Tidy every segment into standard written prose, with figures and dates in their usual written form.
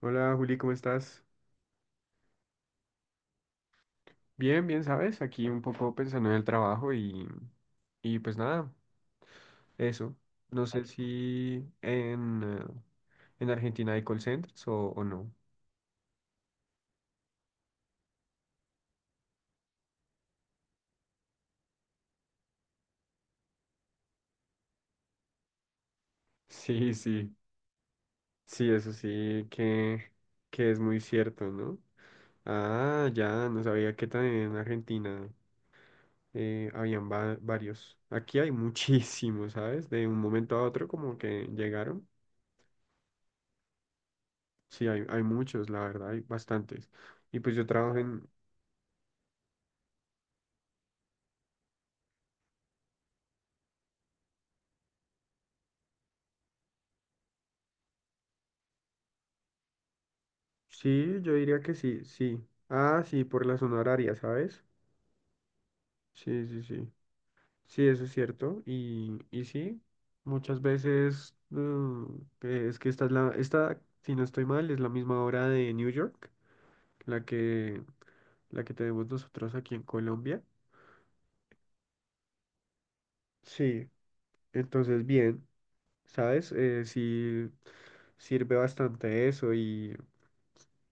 Hola Juli, ¿cómo estás? Bien, bien, ¿sabes? Aquí un poco pensando en el trabajo y pues nada, eso. No sé si en Argentina hay call centers o no. Sí, sí, sí, eso sí que es muy cierto, ¿no? Ah, ya, no sabía que también en Argentina habían varios. Aquí hay muchísimos, ¿sabes? De un momento a otro como que llegaron. Sí, hay muchos, la verdad, hay bastantes. Y pues yo trabajo en. Sí, yo diría que sí, sí. Ah, sí, por la zona horaria, ¿sabes? Sí, sí, sí. Sí, eso es cierto. Y sí, muchas veces que es que esta es esta, si no estoy mal, es la misma hora de New York, la que, la que tenemos nosotros aquí en Colombia. Sí, entonces bien, ¿sabes? Sí sirve bastante eso y,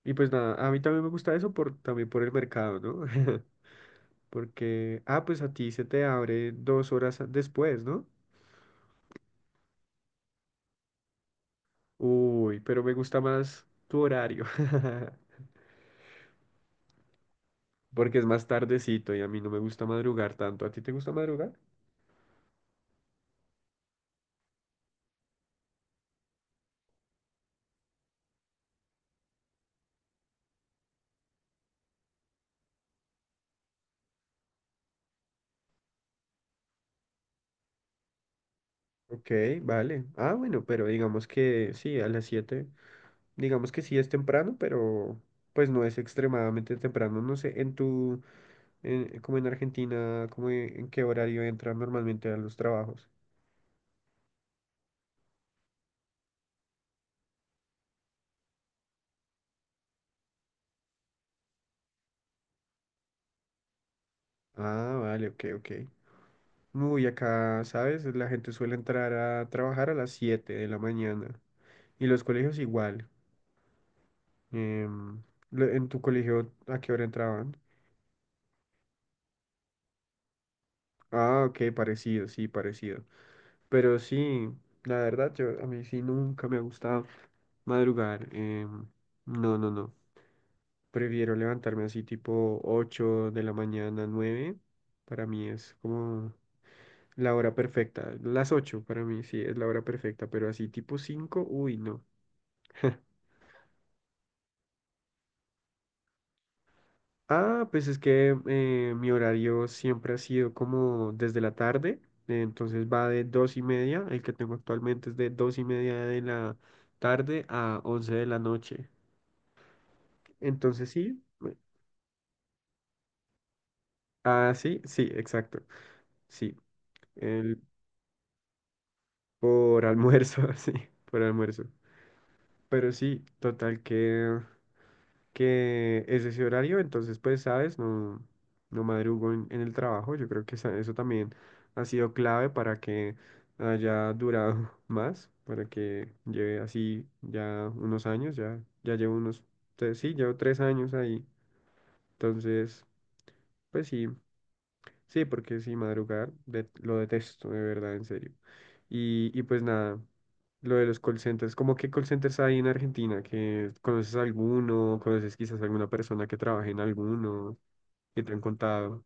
y pues nada, a mí también me gusta eso también por el mercado, ¿no? Porque, ah, pues a ti se te abre 2 horas después, ¿no? Uy, pero me gusta más tu horario, porque es más tardecito y a mí no me gusta madrugar tanto. ¿A ti te gusta madrugar? Ok, vale. Ah, bueno, pero digamos que sí, a las 7 digamos que sí es temprano, pero pues no es extremadamente temprano. No sé, como en Argentina, como en qué horario entran normalmente a los trabajos. Ah, vale, ok, ok. Uy, acá, ¿sabes? La gente suele entrar a trabajar a las 7 de la mañana. Y los colegios igual. Em, ¿En tu colegio a qué hora entraban? Ah, ok, parecido, sí, parecido. Pero sí, la verdad, yo, a mí sí nunca me ha gustado madrugar. No, no, no. Prefiero levantarme así tipo 8 de la mañana, 9. Para mí es como la hora perfecta. Las 8 para mí sí es la hora perfecta, pero así tipo 5, uy, no. Ah, pues es que mi horario siempre ha sido como desde la tarde, entonces va de 2:30, el que tengo actualmente es de 2:30 de la tarde a 11 de la noche. Entonces sí, ah, sí, sí, exacto, sí, el, por almuerzo, sí, por almuerzo. Pero sí, total que es ese horario, entonces pues sabes, no, no madrugo en el trabajo, yo creo que eso también ha sido clave para que haya durado más, para que lleve así ya unos años, ya, ya llevo sí, llevo 3 años ahí, entonces pues sí, sí, porque sí, madrugar lo detesto, de verdad, en serio. Y pues nada, lo de los call centers, ¿cómo qué call centers hay en Argentina? ¿Que conoces alguno? ¿Conoces quizás alguna persona que trabaje en alguno? ¿Que te han contado?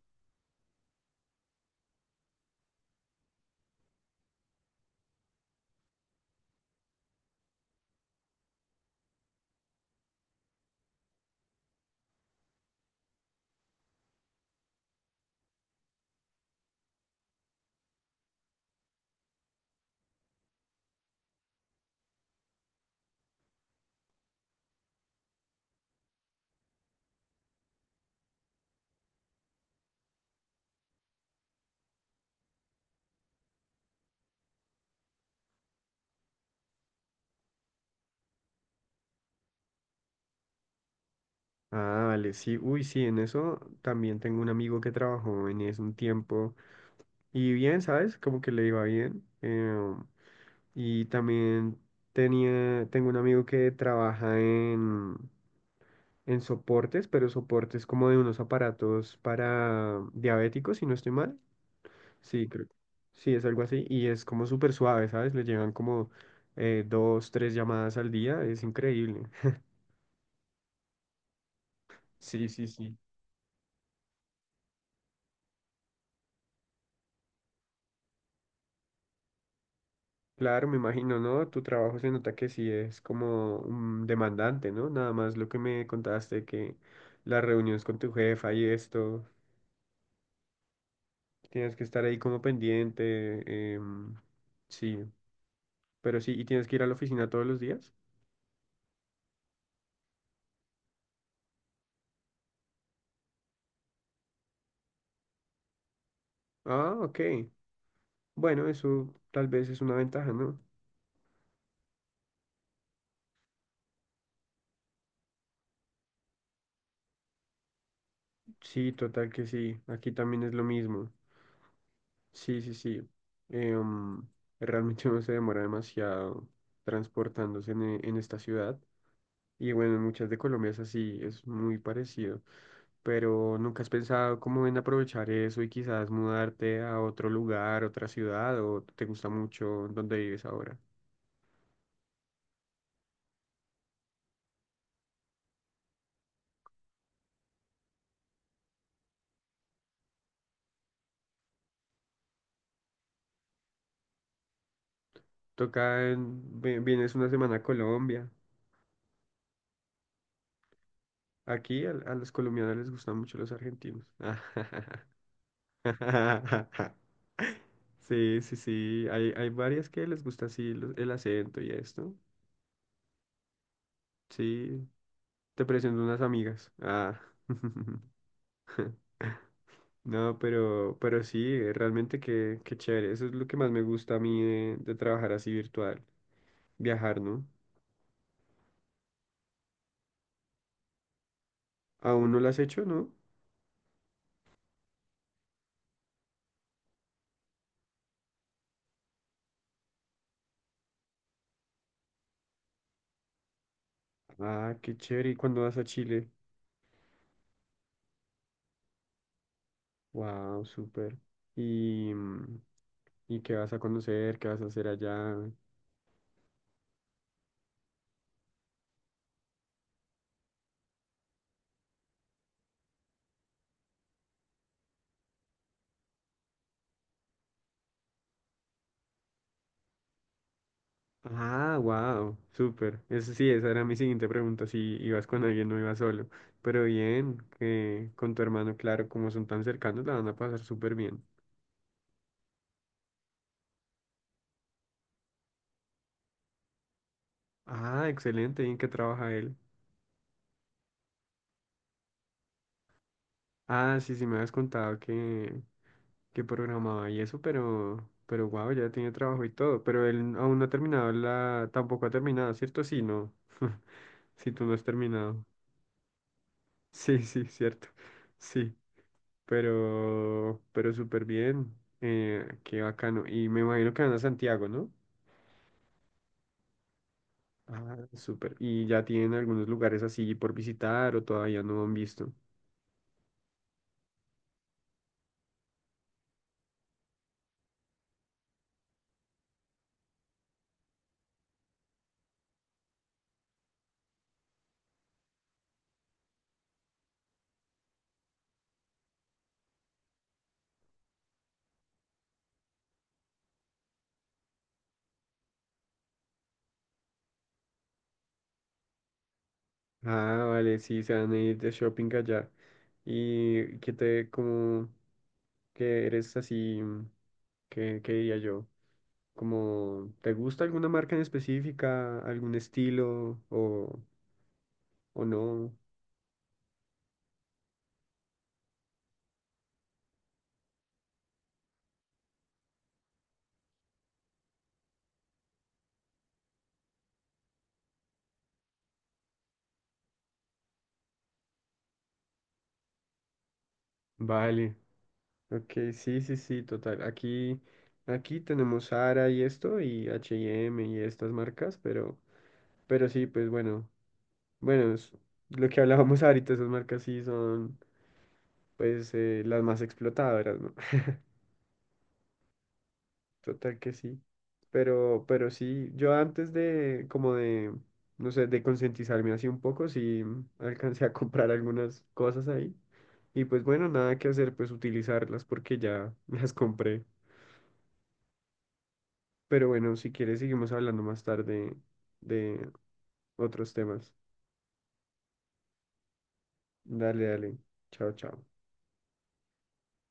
Ah, vale, sí, uy, sí, en eso también tengo un amigo que trabajó en eso un tiempo y bien, ¿sabes? Como que le iba bien. Y también tengo un amigo que trabaja en soportes, pero soportes como de unos aparatos para diabéticos, si no estoy mal. Sí, creo. Sí, es algo así. Y es como súper suave, ¿sabes? Le llegan como dos, tres llamadas al día. Es increíble. Sí, sí, sí. Claro, me imagino, ¿no? Tu trabajo se nota que sí es como demandante, ¿no? Nada más lo que me contaste, que las reuniones con tu jefa y esto, tienes que estar ahí como pendiente. Sí, pero sí, y tienes que ir a la oficina todos los días. Ah, ok. Bueno, eso tal vez es una ventaja, ¿no? Sí, total que sí. Aquí también es lo mismo. Sí, sí, sí. Em, Realmente no se demora demasiado transportándose en esta ciudad. Y bueno, en muchas de Colombia es así, es muy parecido. Pero ¿nunca has pensado cómo en aprovechar eso y quizás mudarte a otro lugar, otra ciudad, o te gusta mucho donde vives ahora? Toca vienes una semana a Colombia. Aquí a los colombianos les gustan mucho los argentinos. Sí, sí, sí. Hay varias que les gusta así el acento y esto. Sí, te presento unas amigas. Ah. No, pero sí, realmente qué chévere. Eso es lo que más me gusta a mí de trabajar así virtual. Viajar, ¿no? ¿Aún no lo has hecho, no? Ah, qué chévere. ¿Y cuándo vas a Chile? Wow, súper. ¿Y, mm, y qué vas a conocer? ¿Qué vas a hacer allá? Ah, wow, súper. Eso sí, esa era mi siguiente pregunta, si ibas con alguien o ibas solo. Pero bien, que con tu hermano, claro, como son tan cercanos, la van a pasar súper bien. Ah, excelente, ¿y en qué trabaja él? Ah, sí, sí me habías contado que programaba y eso, pero wow, ya tiene trabajo y todo. Pero él aún no ha terminado tampoco ha terminado, ¿cierto? Sí, no. Si tú no has terminado. Sí, sí, cierto. Sí. Pero súper bien. Qué bacano. Y me imagino que van a Santiago, ¿no? Ah, súper. ¿Y ya tienen algunos lugares así por visitar o todavía no han visto? Ah, vale, sí, se van a ir de shopping allá. ¿Y qué te, como, que eres así, qué diría yo? Como, ¿te gusta alguna marca en específica, algún estilo o no? Vale. Ok, sí, sí, sí, total. Aquí tenemos Zara y esto, y H&M y estas marcas, pero sí, pues bueno, bueno, es lo que hablábamos ahorita, esas marcas sí son, pues, las más explotadoras, ¿no? Total que sí. Pero sí, yo antes de, como de, no sé, de concientizarme así un poco, sí alcancé a comprar algunas cosas ahí. Y pues bueno, nada que hacer, pues utilizarlas porque ya las compré. Pero bueno, si quieres, seguimos hablando más tarde de otros temas. Dale, dale. Chao, chao.